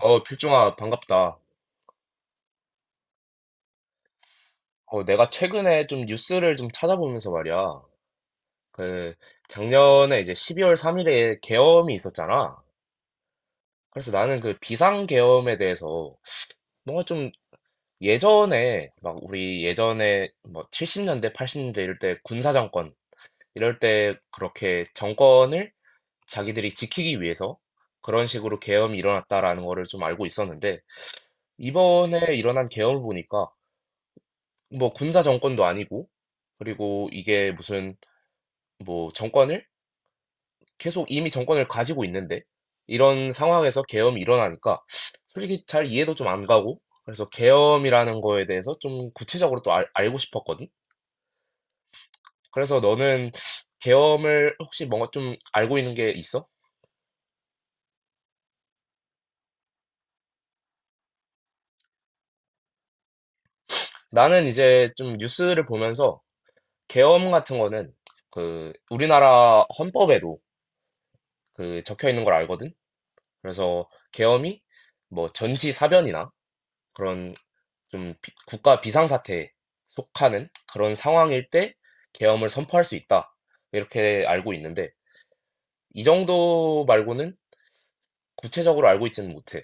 어, 필중아, 반갑다. 어, 내가 최근에 좀 뉴스를 좀 찾아보면서 말이야. 그, 작년에 이제 12월 3일에 계엄이 있었잖아. 그래서 나는 그 비상계엄에 대해서 뭔가 좀 예전에, 막 우리 예전에 뭐 70년대, 80년대 이럴 때 군사정권, 이럴 때 그렇게 정권을 자기들이 지키기 위해서 그런 식으로 계엄이 일어났다라는 거를 좀 알고 있었는데, 이번에 일어난 계엄을 보니까 뭐 군사 정권도 아니고, 그리고 이게 무슨 뭐 정권을 계속 이미 정권을 가지고 있는데 이런 상황에서 계엄이 일어나니까 솔직히 잘 이해도 좀 안 가고 그래서 계엄이라는 거에 대해서 좀 구체적으로 또 알고 싶었거든. 그래서 너는 계엄을 혹시 뭔가 좀 알고 있는 게 있어? 나는 이제 좀 뉴스를 보면서 계엄 같은 거는 그 우리나라 헌법에도 그 적혀 있는 걸 알거든. 그래서 계엄이 뭐 전시사변이나 그런 좀 국가 비상사태에 속하는 그런 상황일 때 계엄을 선포할 수 있다. 이렇게 알고 있는데, 이 정도 말고는 구체적으로 알고 있지는 못해.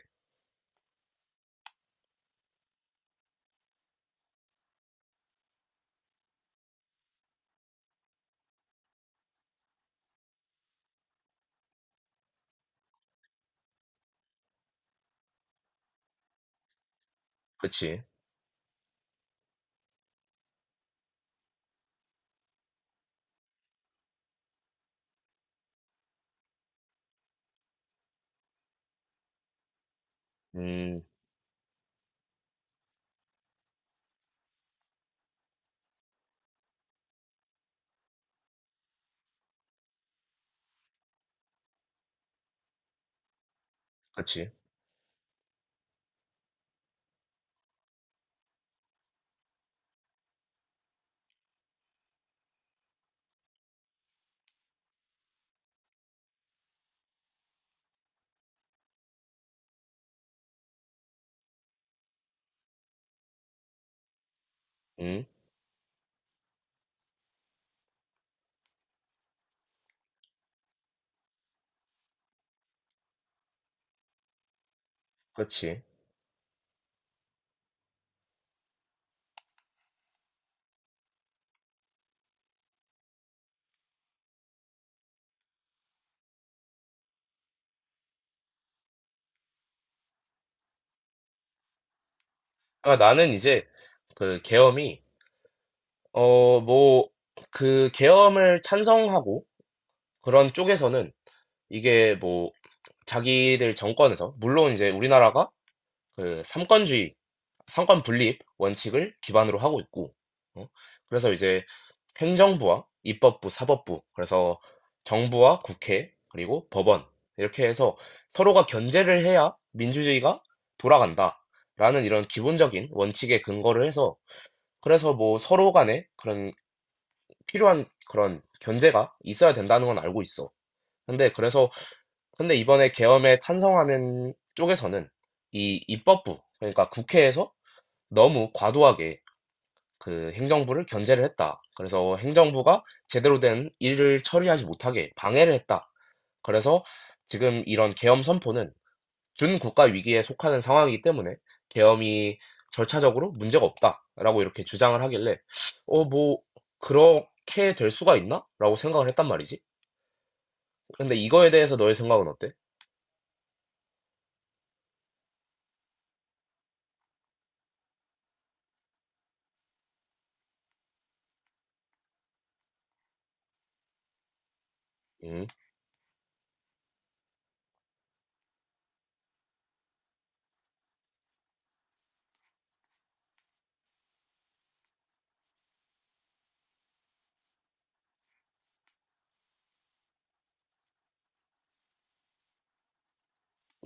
그치. 음, 그치. 음, 그치. 아, 나는 이제 그 계엄이, 어, 뭐, 그 계엄을 찬성하고 그런 쪽에서는 이게 뭐 자기들 정권에서, 물론 이제 우리나라가 그 삼권주의, 삼권 분립 원칙을 기반으로 하고 있고, 어? 그래서 이제 행정부와 입법부, 사법부, 그래서 정부와 국회, 그리고 법원, 이렇게 해서 서로가 견제를 해야 민주주의가 돌아간다라는 이런 기본적인 원칙에 근거를 해서, 그래서 뭐 서로 간에 그런 필요한 그런 견제가 있어야 된다는 건 알고 있어. 근데 그래서, 근데 이번에 계엄에 찬성하는 쪽에서는 이 입법부, 그러니까 국회에서 너무 과도하게 그 행정부를 견제를 했다. 그래서 행정부가 제대로 된 일을 처리하지 못하게 방해를 했다. 그래서 지금 이런 계엄 선포는 준국가 위기에 속하는 상황이기 때문에 계엄이 절차적으로 문제가 없다라고 이렇게 주장을 하길래 어, 뭐 그렇게 될 수가 있나? 라고 생각을 했단 말이지. 근데 이거에 대해서 너의 생각은 어때? 음,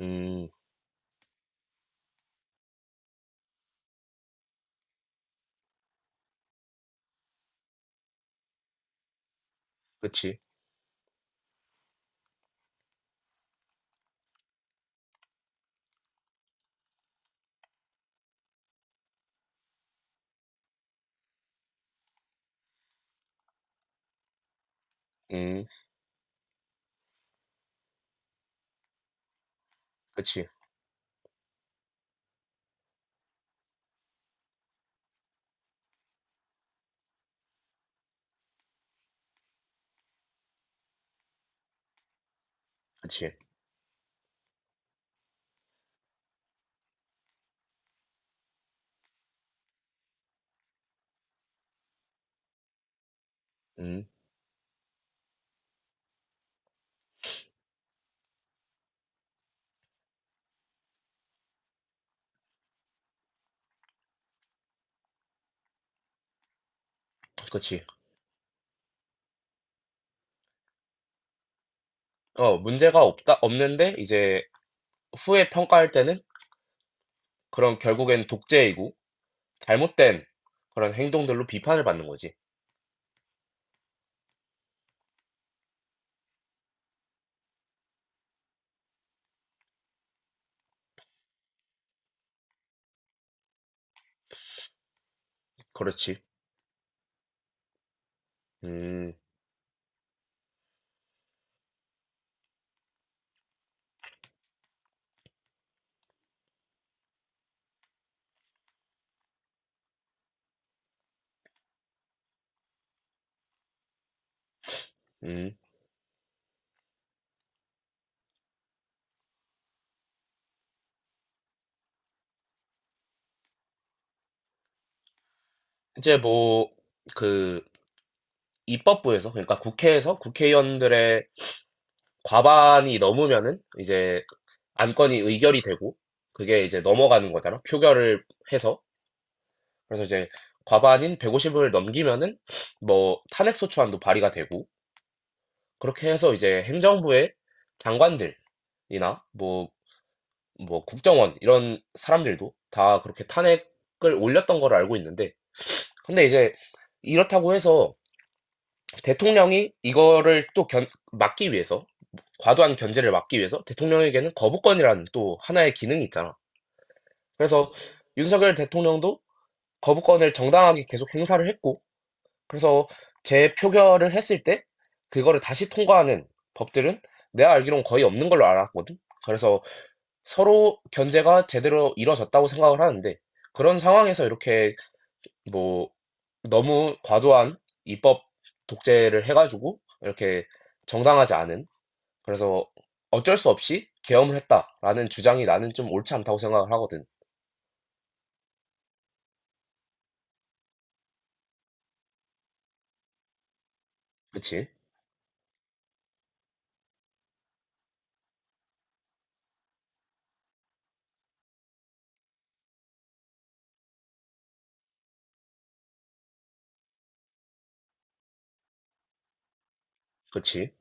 음, 그치, 음, 그치, 그치, 음, 그치. 어, 문제가 없다, 없는데 이제 후에 평가할 때는 그럼 결국엔 독재이고 잘못된 그런 행동들로 비판을 받는 거지. 그렇지. 음, 음. 이제 뭐, 그, 입법부에서, 그러니까 국회에서 국회의원들의 과반이 넘으면은 이제 안건이 의결이 되고 그게 이제 넘어가는 거잖아. 표결을 해서. 그래서 이제 과반인 150을 넘기면은 뭐 탄핵소추안도 발의가 되고 그렇게 해서 이제 행정부의 장관들이나 뭐 뭐 국정원 이런 사람들도 다 그렇게 탄핵을 올렸던 걸 알고 있는데 근데 이제 이렇다고 해서 대통령이 이거를 또 막기 위해서 과도한 견제를 막기 위해서 대통령에게는 거부권이라는 또 하나의 기능이 있잖아. 그래서 윤석열 대통령도 거부권을 정당하게 계속 행사를 했고 그래서 재표결을 했을 때 그거를 다시 통과하는 법들은 내가 알기론 거의 없는 걸로 알았거든. 그래서 서로 견제가 제대로 이뤄졌다고 생각을 하는데 그런 상황에서 이렇게 뭐 너무 과도한 입법 독재를 해가지고 이렇게 정당하지 않은 그래서 어쩔 수 없이 계엄을 했다라는 주장이 나는 좀 옳지 않다고 생각을 하거든. 그치? 그치?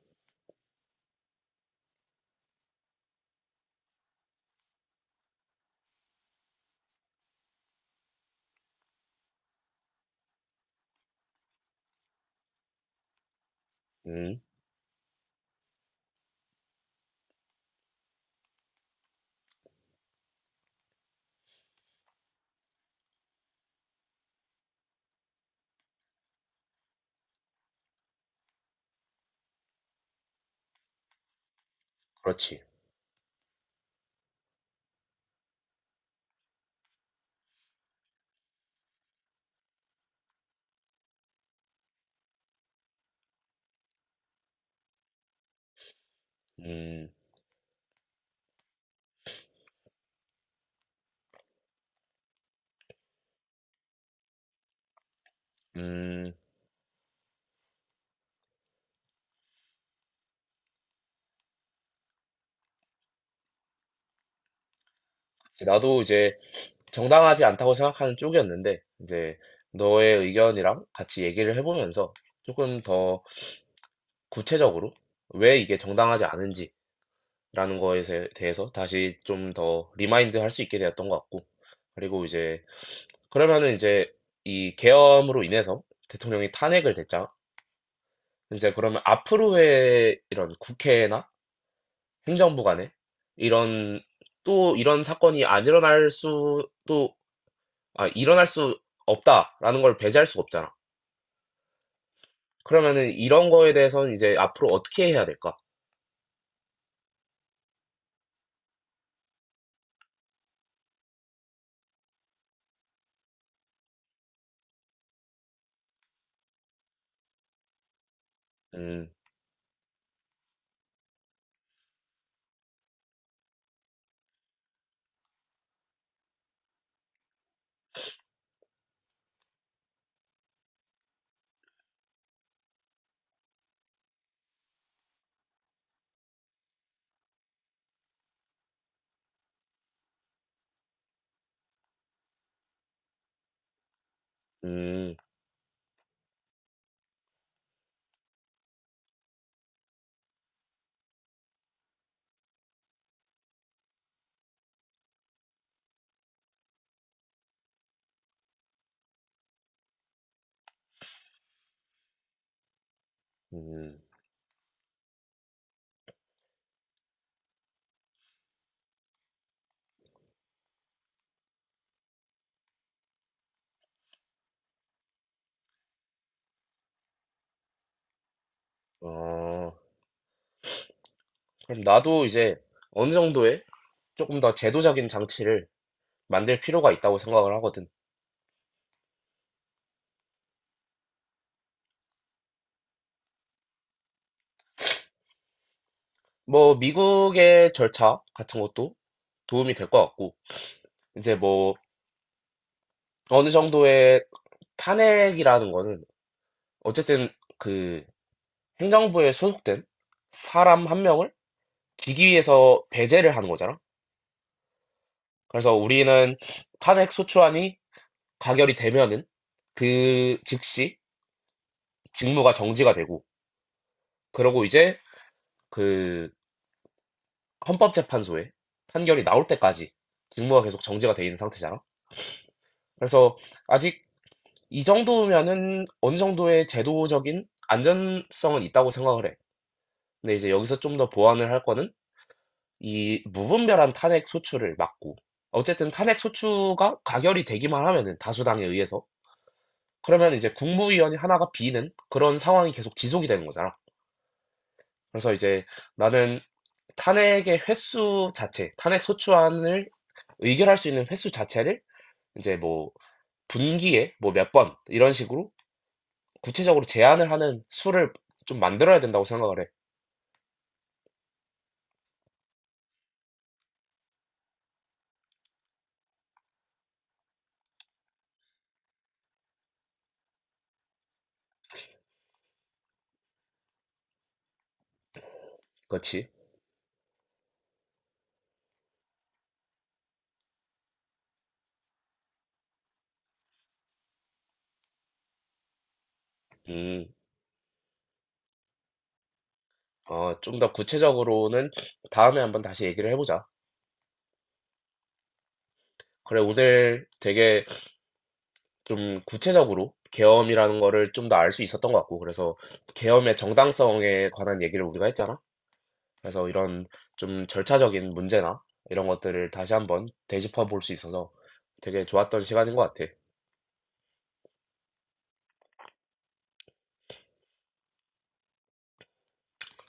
음, 그렇지. 음, 음. 나도 이제 정당하지 않다고 생각하는 쪽이었는데 이제 너의 의견이랑 같이 얘기를 해보면서 조금 더 구체적으로 왜 이게 정당하지 않은지 라는 거에 대해서 다시 좀 더 리마인드 할 수 있게 되었던 것 같고 그리고 이제 그러면은 이제 이 계엄으로 인해서 대통령이 탄핵을 됐잖아. 이제 그러면 앞으로의 이런 국회나 행정부 간에 이런 또 이런 사건이 안 일어날 수도 아 일어날 수 없다라는 걸 배제할 수가 없잖아. 그러면은 이런 거에 대해서는 이제 앞으로 어떻게 해야 될까? 음, 음, 음, 어. 그럼 나도 이제 어느 정도의 조금 더 제도적인 장치를 만들 필요가 있다고 생각을 하거든. 뭐, 미국의 절차 같은 것도 도움이 될 것 같고, 이제 뭐, 어느 정도의 탄핵이라는 거는, 어쨌든 그 행정부에 소속된 사람 한 명을 직위에서 배제를 하는 거잖아. 그래서 우리는 탄핵 소추안이 가결이 되면은 그 즉시 직무가 정지가 되고, 그러고 이제 그 헌법재판소에 판결이 나올 때까지 직무가 계속 정지가 돼 있는 상태잖아. 그래서 아직 이 정도면은 어느 정도의 제도적인 안전성은 있다고 생각을 해. 근데 이제 여기서 좀 더 보완을 할 거는 이 무분별한 탄핵 소추를 막고 어쨌든 탄핵 소추가 가결이 되기만 하면은 다수당에 의해서 그러면 이제 국무위원이 하나가 비는 그런 상황이 계속 지속이 되는 거잖아. 그래서 이제 나는 탄핵의 횟수 자체, 탄핵 소추안을 의결할 수 있는 횟수 자체를 이제 뭐 분기에 뭐 몇 번 이런 식으로 구체적으로 제한을 하는 수를 좀 만들어야 된다고 생각을 해. 그렇지. 음, 어, 좀 더 구체적으로는 다음에 한번 다시 얘기를 해보자. 그래, 오늘 되게 좀 구체적으로 계엄이라는 거를 좀 더 알 수 있었던 것 같고, 그래서 계엄의 정당성에 관한 얘기를 우리가 했잖아. 그래서 이런 좀 절차적인 문제나 이런 것들을 다시 한번 되짚어 볼 수 있어서 되게 좋았던 시간인 것 같아.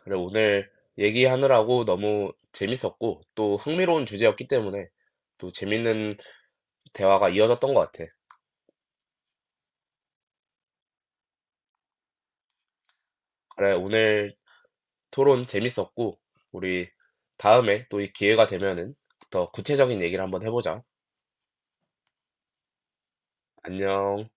그래, 오늘 얘기하느라고 너무 재밌었고, 또 흥미로운 주제였기 때문에 또 재밌는 대화가 이어졌던 것 같아. 그래, 오늘 토론 재밌었고, 우리 다음에 또 이 기회가 되면은 더 구체적인 얘기를 한번 해보자. 안녕.